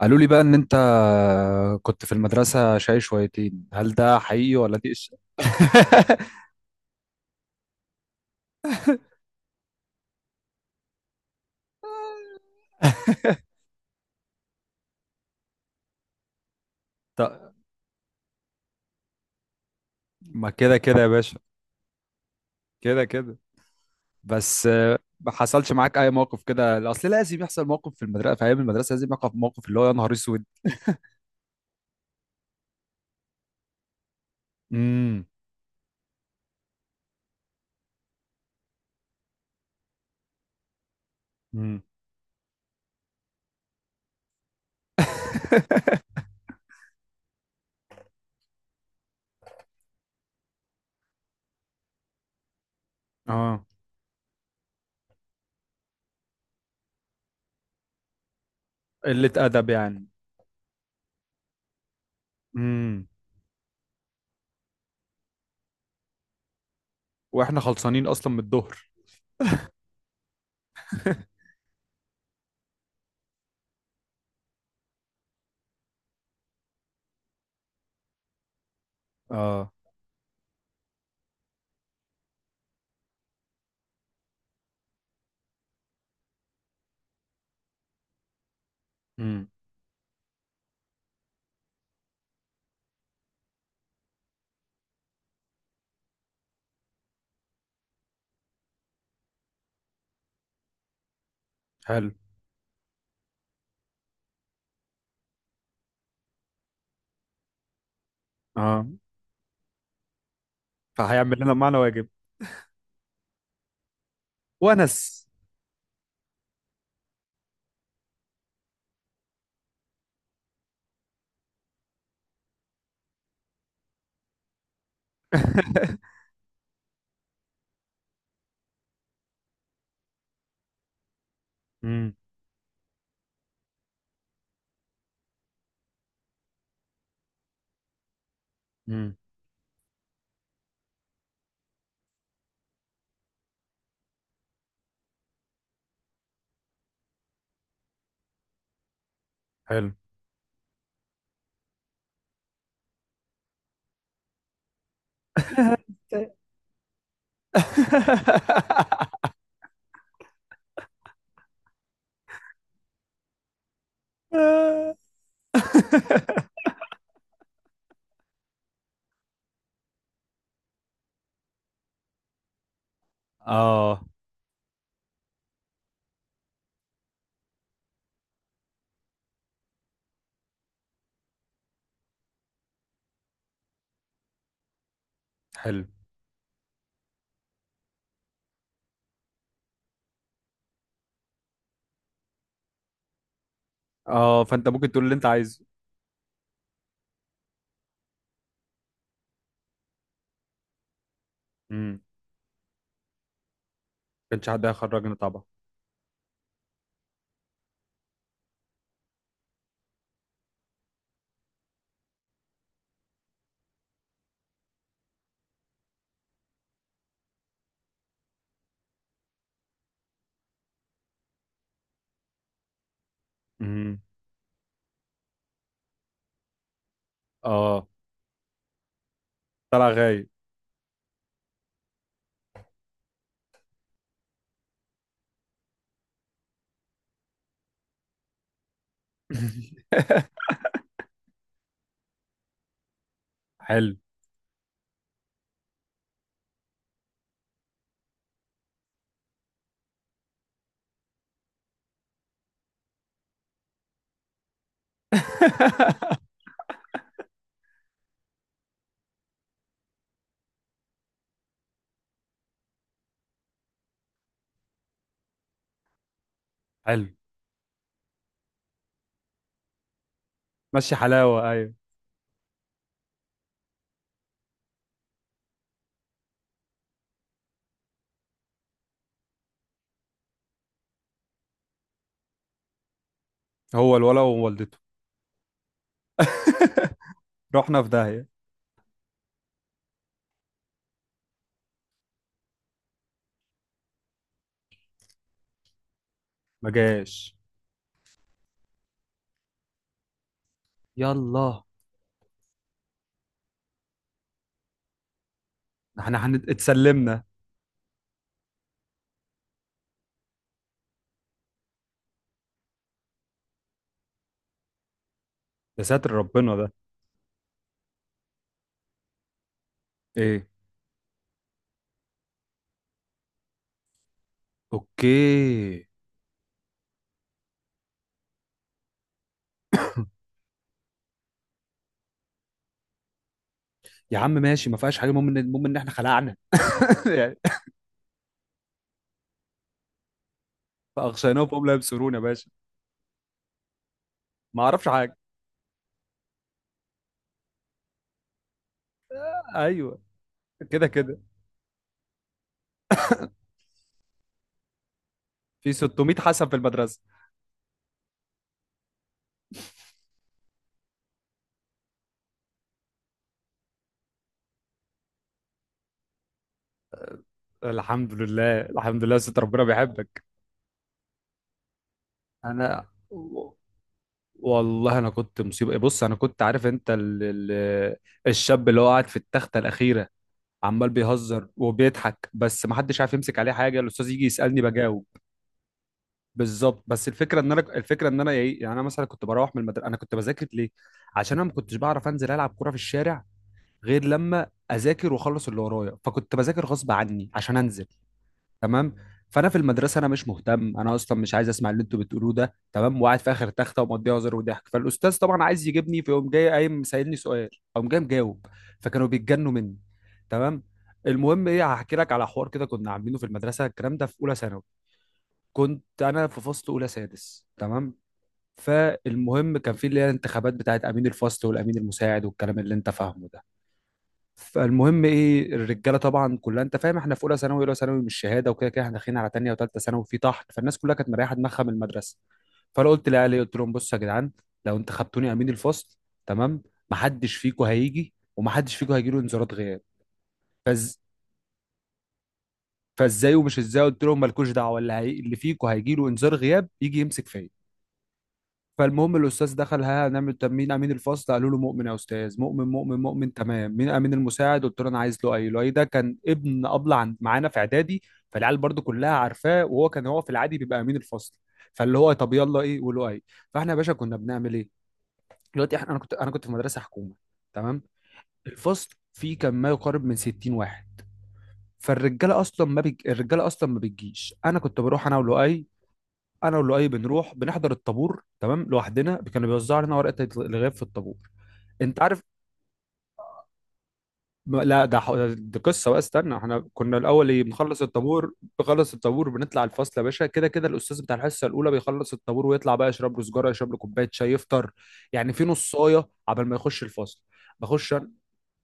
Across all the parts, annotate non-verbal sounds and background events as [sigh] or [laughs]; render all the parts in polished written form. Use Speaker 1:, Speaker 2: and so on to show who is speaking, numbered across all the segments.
Speaker 1: قالوا لي بقى ان انت كنت في المدرسة شاي شويتين، هل ده حقيقي ولا دي [laughs] طب، ما كده كده يا باشا. كده كده. بس ما حصلش معاك اي موقف كده، اصل لازم يحصل موقف في المدرسة، في ايام المدرسة لازم يقف موقف اللي هو يا نهار اسود. امم. امم. اه، قلة ادب يعني. امم. واحنا خلصانين اصلا من الظهر. [laughs] اه. امم. حلو. اه، فهيعمل لنا معنا واجب. ونس. [laughs] امم. امم. حلو. [laughs] اه. حلو. اه، فانت ممكن تقول اللي انت عايزه. امم. كانش حد هيخرجنا طبعا. امم. اه، طلع غايب. [coughs] حلو. [laughs] حلو، ماشي حلاوه. ايوه، هو الولا ووالدته. [laughs] رحنا في داهيه. ما جاش. يلا، احنا اتسلمنا. يا ساتر ربنا ده ايه. اوكي يا عم، ماشي، ما فيهاش حاجه، المهم ان احنا خلعنا. [laughs] يعني، فاغشيناهم فهم لا يبصرون يا باشا. ما اعرفش حاجه. ايوه، كده كده. في 600 حسن في المدرسه. الحمد لله الحمد لله، ست ربنا بيحبك. انا و- والله انا كنت مصيبه. بص، انا كنت عارف انت الشاب اللي هو قاعد في التخته الاخيره، عمال بيهزر وبيضحك، بس ما حدش عارف يمسك عليه حاجه. الاستاذ يجي يسالني بجاوب. بالظبط. بس الفكره ان انا ايه يعني، انا مثلا كنت بروح من المدرسه، انا كنت بذاكر ليه؟ عشان انا ما كنتش بعرف انزل العب كوره في الشارع غير لما اذاكر واخلص اللي ورايا، فكنت بذاكر غصب عني عشان انزل. تمام. فانا في المدرسه انا مش مهتم، انا اصلا مش عايز اسمع اللي انتوا بتقولوه ده، تمام، وقاعد في اخر تخته ومقضيها هزار وضحك. فالاستاذ طبعا عايز يجيبني، فيقوم جاي قايم سائلني سؤال، اقوم جاي مجاوب. فكانوا بيتجنوا مني. تمام. المهم ايه، هحكي لك على حوار كده كنا عاملينه في المدرسه، الكلام ده في اولى ثانوي. كنت انا في فصل اولى سادس، تمام. فالمهم، كان في اللي هي الانتخابات بتاعت امين الفصل والامين المساعد والكلام اللي انت فاهمه ده. فالمهم ايه، الرجاله طبعا كلها انت فاهم، احنا في اولى ثانوي، اولى ثانوي مش شهاده، وكده كده احنا داخلين على تانيه وتالته ثانوي في طحن، فالناس كلها كانت مريحه دماغها من المدرسه. فانا قلت لاهلي، قلت لهم بصوا يا جدعان، لو انت خدتوني امين الفصل، تمام، محدش فيكم هيجي ومحدش فيكم هيجي له انذارات غياب. فز... فازاي ومش ازاي؟ قلت لهم مالكوش دعوه، اللي فيكم هيجي له انذار غياب يجي يمسك فيا. فالمهم الاستاذ دخل، ها هنعمل، طب مين امين الفصل؟ قالوا له مؤمن يا استاذ، مؤمن، مؤمن، مؤمن، تمام. مين امين المساعد؟ قلت له انا عايز لؤي. لؤي ده كان ابن ابله عند معانا في اعدادي، فالعيال برضو كلها عارفاه، وهو كان في العادي بيبقى امين الفصل. فاللي هو طب يلا، ايه ولؤي. فاحنا يا باشا كنا بنعمل ايه دلوقتي؟ احنا انا كنت في مدرسه حكومه، تمام. الفصل فيه كان ما يقارب من 60 واحد. فالرجاله اصلا ما بيج... الرجاله اصلا ما بتجيش. انا كنت بروح انا ولؤي، بنروح بنحضر الطابور تمام لوحدنا. كانوا بيوزعوا علينا ورقه الغياب في الطابور، انت عارف. لا، دي قصه بقى، استنى. احنا كنا الاول ايه، بنخلص الطابور، بنطلع الفصل يا باشا. كده كده الاستاذ بتاع الحصه الاولى بيخلص الطابور ويطلع بقى، يشرب له سجاره، يشرب له كوبايه شاي، يفطر، يعني في نصايه عبال ما يخش الفصل. بخش،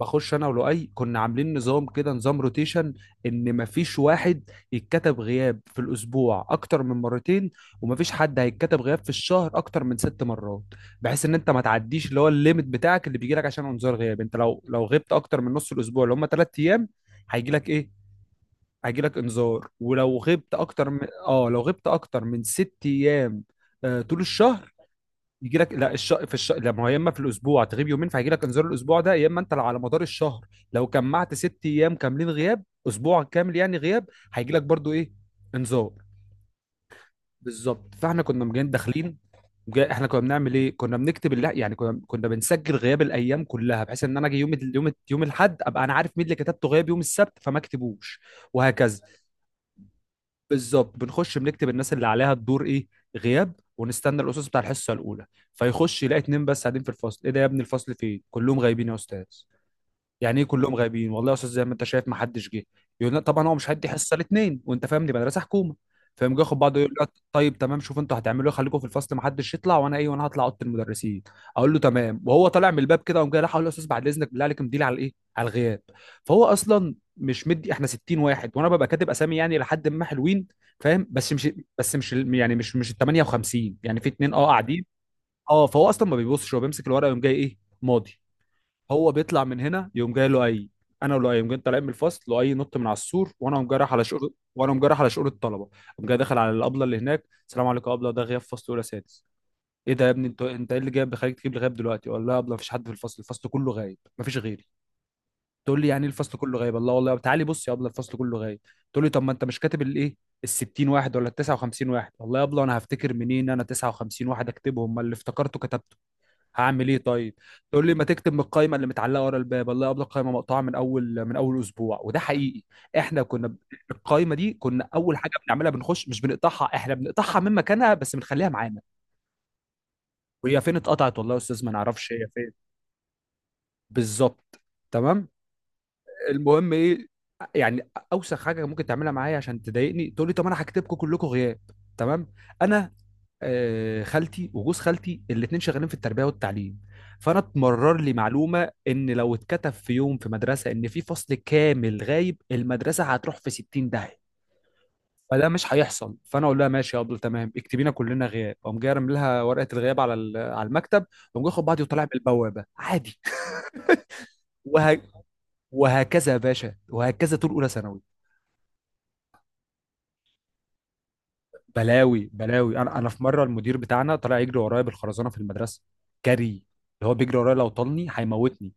Speaker 1: انا ولؤي كنا عاملين نظام كده، نظام روتيشن. ان مفيش واحد يتكتب غياب في الاسبوع اكتر من مرتين، ومفيش حد هيتكتب غياب في الشهر اكتر من 6 مرات. بحيث ان انت ما تعديش اللي هو الليميت بتاعك اللي بيجي لك عشان انذار غياب. انت لو غبت اكتر من نص الاسبوع اللي هم 3 ايام، هيجي لك ايه، هيجي لك انذار. ولو غبت اكتر من، اه لو غبت اكتر من 6 ايام، طول الشهر، يجي لك، لا، لا، ما هو يا اما في الاسبوع تغيب يومين فهيجي لك انذار الاسبوع ده، يا اما انت على مدار الشهر لو جمعت 6 ايام كاملين غياب، اسبوع كامل يعني غياب، هيجي لك برضو ايه، انذار. بالظبط. فاحنا كنا مجانين داخلين. احنا كنا بنعمل ايه، كنا بنكتب يعني كنا بنسجل غياب الايام كلها، بحيث ان انا اجي يوم الاحد ابقى انا عارف مين اللي كتبته غياب يوم السبت فما اكتبوش، وهكذا. بالظبط، بنخش بنكتب الناس اللي عليها الدور ايه، غياب، ونستنى الاستاذ بتاع الحصه الاولى. فيخش يلاقي اتنين بس قاعدين في الفصل. ايه ده يا ابني، الفصل فين؟ كلهم غايبين يا استاذ. يعني ايه كلهم غايبين؟ والله يا استاذ زي ما انت شايف، ما حدش جه. يقول لا طبعا، هو مش هيدي حصه الاثنين، وانت فاهم، دي مدرسه حكومه. فيقوم جه ياخد بعضه يقول لا، طيب تمام، شوف انتوا هتعملوا ايه، خليكم في الفصل، ما حدش يطلع، وانا ايه، وانا هطلع اوضه المدرسين. اقول له تمام. وهو طالع من الباب كده، قام جاي راح، اقول له يا استاذ بعد اذنك، بالله عليك مديلي على الايه، على الغياب. فهو اصلا مش مدي، احنا 60 واحد وانا ببقى كاتب اسامي يعني لحد ما حلوين، فاهم، بس مش، يعني مش ال 58، يعني في اتنين قاعدين. اه فهو اصلا ما بيبصش، هو بيمسك الورقه ويقوم جاي ايه، ماضي. هو بيطلع من هنا، يقوم جاي انا ولؤي يقوم جاي طالعين من الفصل. لؤي نط من على السور، وانا قوم جاي رايح على شؤون، الطلبه، قوم جاي داخل على الابله اللي هناك. السلام عليكم يا ابله، ده غياب فصل اولى سادس. ايه ده يا ابني، انت ايه اللي جايب بيخليك تجيب لي غياب دلوقتي؟ ولا لا يا ابله، مفيش حد في الفصل، الفصل كله غايب، مفيش غيري. تقول لي يعني إيه الفصل كله غايب؟ الله، والله تعالي بص يا ابله، الفصل كله غايب. تقول لي طب ما انت مش كاتب الايه، ال 60 واحد ولا ال 59 واحد؟ والله يا ابله انا هفتكر منين؟ انا 59 واحد اكتبهم؟ ما اللي افتكرته كتبته، هعمل ايه طيب. تقول لي ما تكتب من القائمه اللي متعلقه ورا الباب. الله يقبل، القائمه مقطوعه من اول اسبوع، وده حقيقي. احنا كنا ب- القائمه دي كنا اول حاجه بنعملها، بنخش مش بنقطعها، احنا بنقطعها من مكانها بس بنخليها معانا. وهي فين اتقطعت؟ والله يا استاذ ما نعرفش هي فين. بالظبط، تمام. المهم ايه، يعني اوسخ حاجه ممكن تعملها معايا عشان تضايقني، تقول لي طب انا هكتبكم كلكم غياب، تمام. انا خالتي وجوز خالتي الاثنين شغالين في التربيه والتعليم، فانا اتمرر لي معلومه ان لو اتكتب في يوم في مدرسه ان في فصل كامل غايب، المدرسه هتروح في 60 داهيه. فده مش هيحصل. فانا اقول لها ماشي يا ابله، تمام، اكتبينا كلنا غياب. اقوم جاي رامي لها ورقه الغياب على على المكتب، اقوم جاي اخد بعضي وطالع من البوابه عادي. وه... وهكذا يا باشا، وهكذا طول اولى ثانوي. بلاوي بلاوي. انا في مره المدير بتاعنا طلع يجري ورايا بالخرزانه في المدرسه. جري، اللي هو بيجري ورايا لو طالني هيموتني،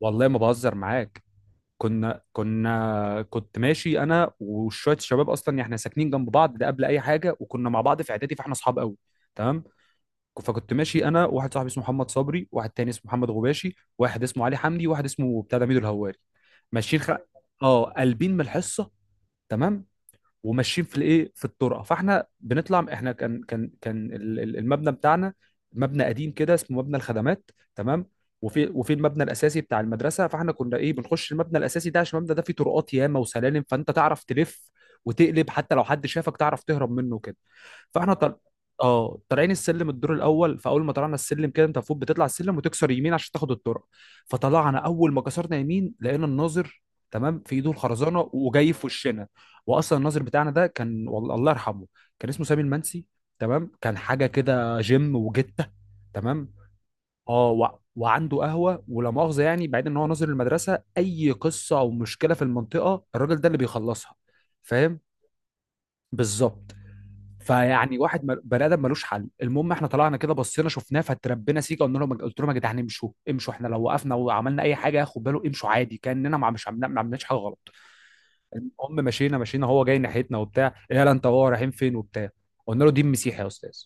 Speaker 1: والله ما بهزر معاك. كنا كنا كنت ماشي انا وشويه الشباب، اصلا يعني احنا ساكنين جنب بعض ده قبل اي حاجه، وكنا مع بعض في اعدادي، فاحنا اصحاب قوي تمام. فكنت ماشي انا، واحد صاحبي اسمه محمد صبري، واحد تاني اسمه محمد غباشي، واحد اسمه علي حمدي، واحد اسمه بتاع ده ميدو الهواري. ماشيين خ... اه قلبين من الحصه، تمام. وماشيين في الايه في الطرقه. فاحنا بنطلع، احنا كان المبنى بتاعنا مبنى قديم كده، اسمه مبنى الخدمات، تمام. وفي المبنى الاساسي بتاع المدرسه، فاحنا كنا ايه، بنخش المبنى الاساسي ده عشان المبنى ده فيه طرقات ياما وسلالم، فانت تعرف تلف وتقلب، حتى لو حد شافك تعرف تهرب منه كده. فاحنا طل... اه طالعين السلم، الدور الاول. فاول ما طلعنا السلم كده، انت المفروض بتطلع السلم وتكسر يمين عشان تاخد الطرق. فطلعنا، اول ما كسرنا يمين لقينا الناظر، تمام، في ايده الخرزانه وجاي في وشنا. واصلا الناظر بتاعنا ده كان، والله الله يرحمه، كان اسمه سامي المنسي، تمام. كان حاجه كده جيم وجته، تمام. وعنده قهوه ولا مؤاخذه، يعني بعيد، ان هو ناظر المدرسه اي قصه او مشكله في المنطقه الراجل ده اللي بيخلصها، فاهم. بالظبط. فيعني واحد بني ادم ملوش حل. المهم احنا طلعنا كده بصينا شفناه فتربنا سيكا، قلنا لهم، قلت لهم: يا جدعان امشوا امشوا، احنا لو وقفنا وعملنا اي حاجه ياخد باله، امشوا عادي كاننا ما مش عملنا ما عملناش حاجه غلط. المهم مشينا مشينا، هو جاي ناحيتنا وبتاع، إيه يلا انت وهو رايحين فين وبتاع. قلنا له: دي المسيح يا استاذ.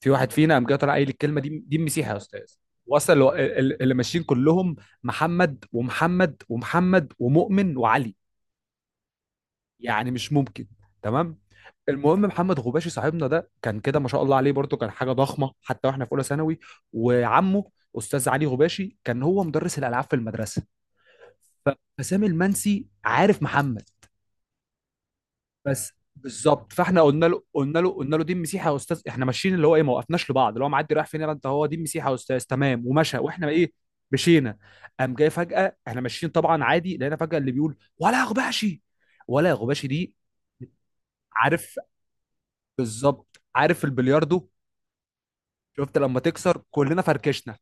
Speaker 1: في واحد فينا قام جاي طالع قايل الكلمه دي، دي المسيح يا استاذ. وصل اللي ماشيين كلهم محمد ومحمد ومحمد ومؤمن وعلي، يعني مش ممكن. تمام. المهم محمد غباشي صاحبنا ده كان كده ما شاء الله عليه، برضه كان حاجه ضخمه حتى واحنا في اولى ثانوي. وعمه استاذ علي غباشي كان هو مدرس الالعاب في المدرسه. فسامي المنسي عارف محمد بس بالظبط. فاحنا قلنا له: دي مسيحي يا استاذ احنا ماشيين، اللي هو ايه، ما وقفناش لبعض، اللي هو معدي رايح فين يلا انت، هو دي مسيحي يا استاذ، تمام، ومشى، واحنا ايه، مشينا. قام جاي فجاه احنا ماشيين طبعا عادي، لقينا فجاه اللي بيقول: ولا يا غباشي، ولا يا غباشي دي، عارف. بالظبط. عارف البلياردو شفت لما تكسر؟ كلنا فركشنا،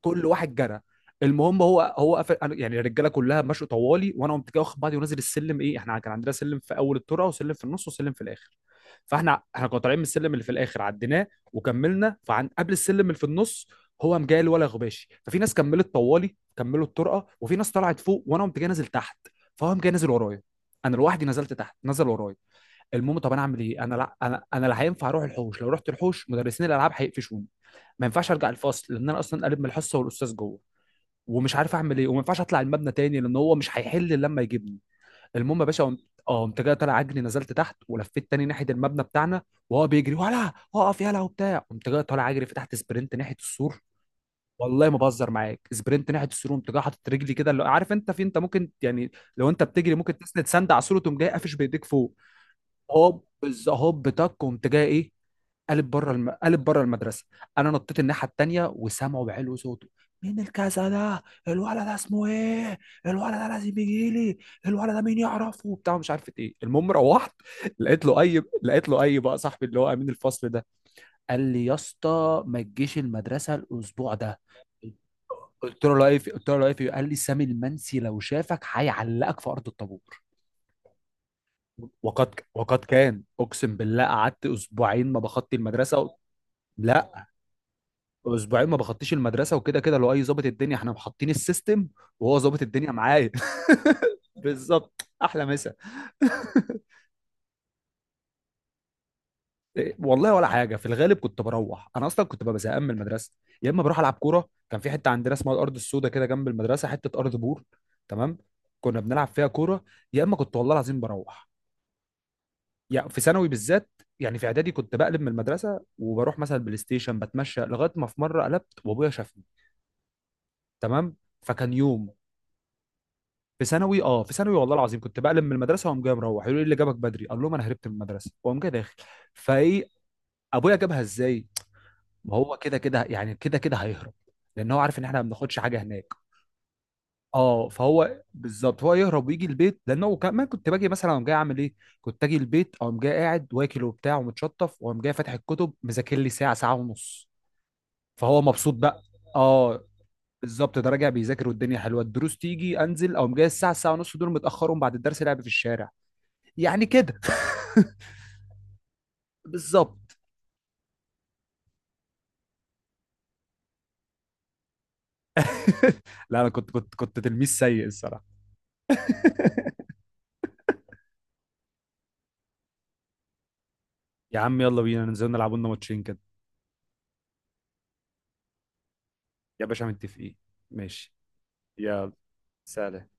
Speaker 1: كل واحد جرى. المهم هو قفل يعني الرجاله كلها مشوا طوالي، وانا قمت جاي واخد بعضي ونازل السلم، ايه احنا كان عندنا سلم في اول الترعه وسلم في النص وسلم في الاخر. فاحنا كنا طالعين من السلم اللي في الاخر عديناه وكملنا، فعن قبل السلم اللي في النص هو قام جاي ولا غباشي. ففي ناس كملت طوالي كملوا الطرقه، وفي ناس طلعت فوق، وانا قمت جاي نازل تحت. فهو قام جاي نازل ورايا، انا لوحدي نزلت تحت نزل ورايا. المهم، طب انا اعمل ايه؟ انا لا انا لا هينفع اروح الحوش، لو رحت الحوش مدرسين الالعاب هيقفشوني. ما ينفعش ارجع الفصل لان انا اصلا قالب من الحصه والاستاذ جوه، ومش عارف اعمل ايه. وما ينفعش اطلع المبنى تاني لان هو مش هيحل لما يجيبني. المهم يا باشا قمت، اه قمت جاي طالع عجلي نزلت تحت ولفيت تاني ناحيه المبنى بتاعنا، وهو بيجري ولا اقف يلا وبتاع. قمت جاي طالع عجلي فتحت سبرنت ناحيه السور، والله ما بهزر معاك، سبرنت ناحيه السور، قمت جاي حاطط رجلي كده، عارف انت، في انت ممكن يعني لو انت بتجري ممكن تسند سند على السور وتقوم جاي قافش بايديك فوق. هوب، هوب تك، قمت جاي ايه، قالب بره قالب بره المدرسه. انا نطيت الناحيه التانيه وسامعه بعلو صوته: مين الكذا ده، الولد ده اسمه ايه، الولد ده لازم يجي لي، الولد ده مين يعرفه وبتاع، مش عارف ايه. المهم روحت لقيت له اي بقى صاحبي اللي هو امين الفصل ده، قال لي: يا اسطى ما تجيش المدرسه الاسبوع ده. قلت له: لا ايه في- قلت له: لا ايه في؟ قال لي سامي المنسي لو شافك هيعلقك في ارض الطابور. وقد كان، اقسم بالله قعدت اسبوعين ما بخطي المدرسه. لا، اسبوعين ما بخطيش المدرسه، وكده كده لو اي ظابط الدنيا احنا محطين السيستم، وهو ظابط الدنيا معايا. [laughs] بالظبط، احلى مسا. [laughs] إيه، والله ولا حاجه، في الغالب كنت بروح، انا اصلا كنت ببقى زهقان من المدرسه. يا اما بروح العب كوره، كان في حته عندنا اسمها الارض السوداء كده جنب المدرسه، حته ارض بور، تمام، كنا بنلعب فيها كوره. يا اما كنت والله العظيم بروح، يعني في ثانوي بالذات. يعني في اعدادي كنت بقلب من المدرسه وبروح مثلا بلاي ستيشن، بتمشى لغايه ما في مره قلبت وابويا شافني. تمام. فكان يوم في ثانوي، اه في ثانوي والله العظيم كنت بقلب من المدرسه واقوم جاي مروح، يقولوا لي إيه اللي جابك بدري، اقول لهم انا هربت من المدرسه، واقوم جاي داخل. فايه، ابويا جابها ازاي؟ ما هو كده كده يعني، كده كده هيهرب، لان هو عارف ان احنا ما بناخدش حاجه هناك. اه فهو بالظبط، هو يهرب ويجي البيت لان هو كمان، كنت باجي مثلا اقوم جاي اعمل ايه، كنت اجي البيت اقوم جاي قاعد واكل وبتاع ومتشطف واقوم جاي فاتح الكتب مذاكر لي ساعه ساعه ونص. فهو مبسوط بقى. اه بالظبط، ده راجع بيذاكر والدنيا حلوه، الدروس تيجي انزل اقوم جاي الساعه ساعه ونص دول متاخرهم بعد الدرس لعب في الشارع. يعني كده. [laughs] بالظبط. [laughs] لا انا كنت تلميذ سيء الصراحه. [laughs] يا عم يلا بينا ننزل نلعب لنا ماتشين كده. يا باشا متفقين، ماشي. يلا، سلام.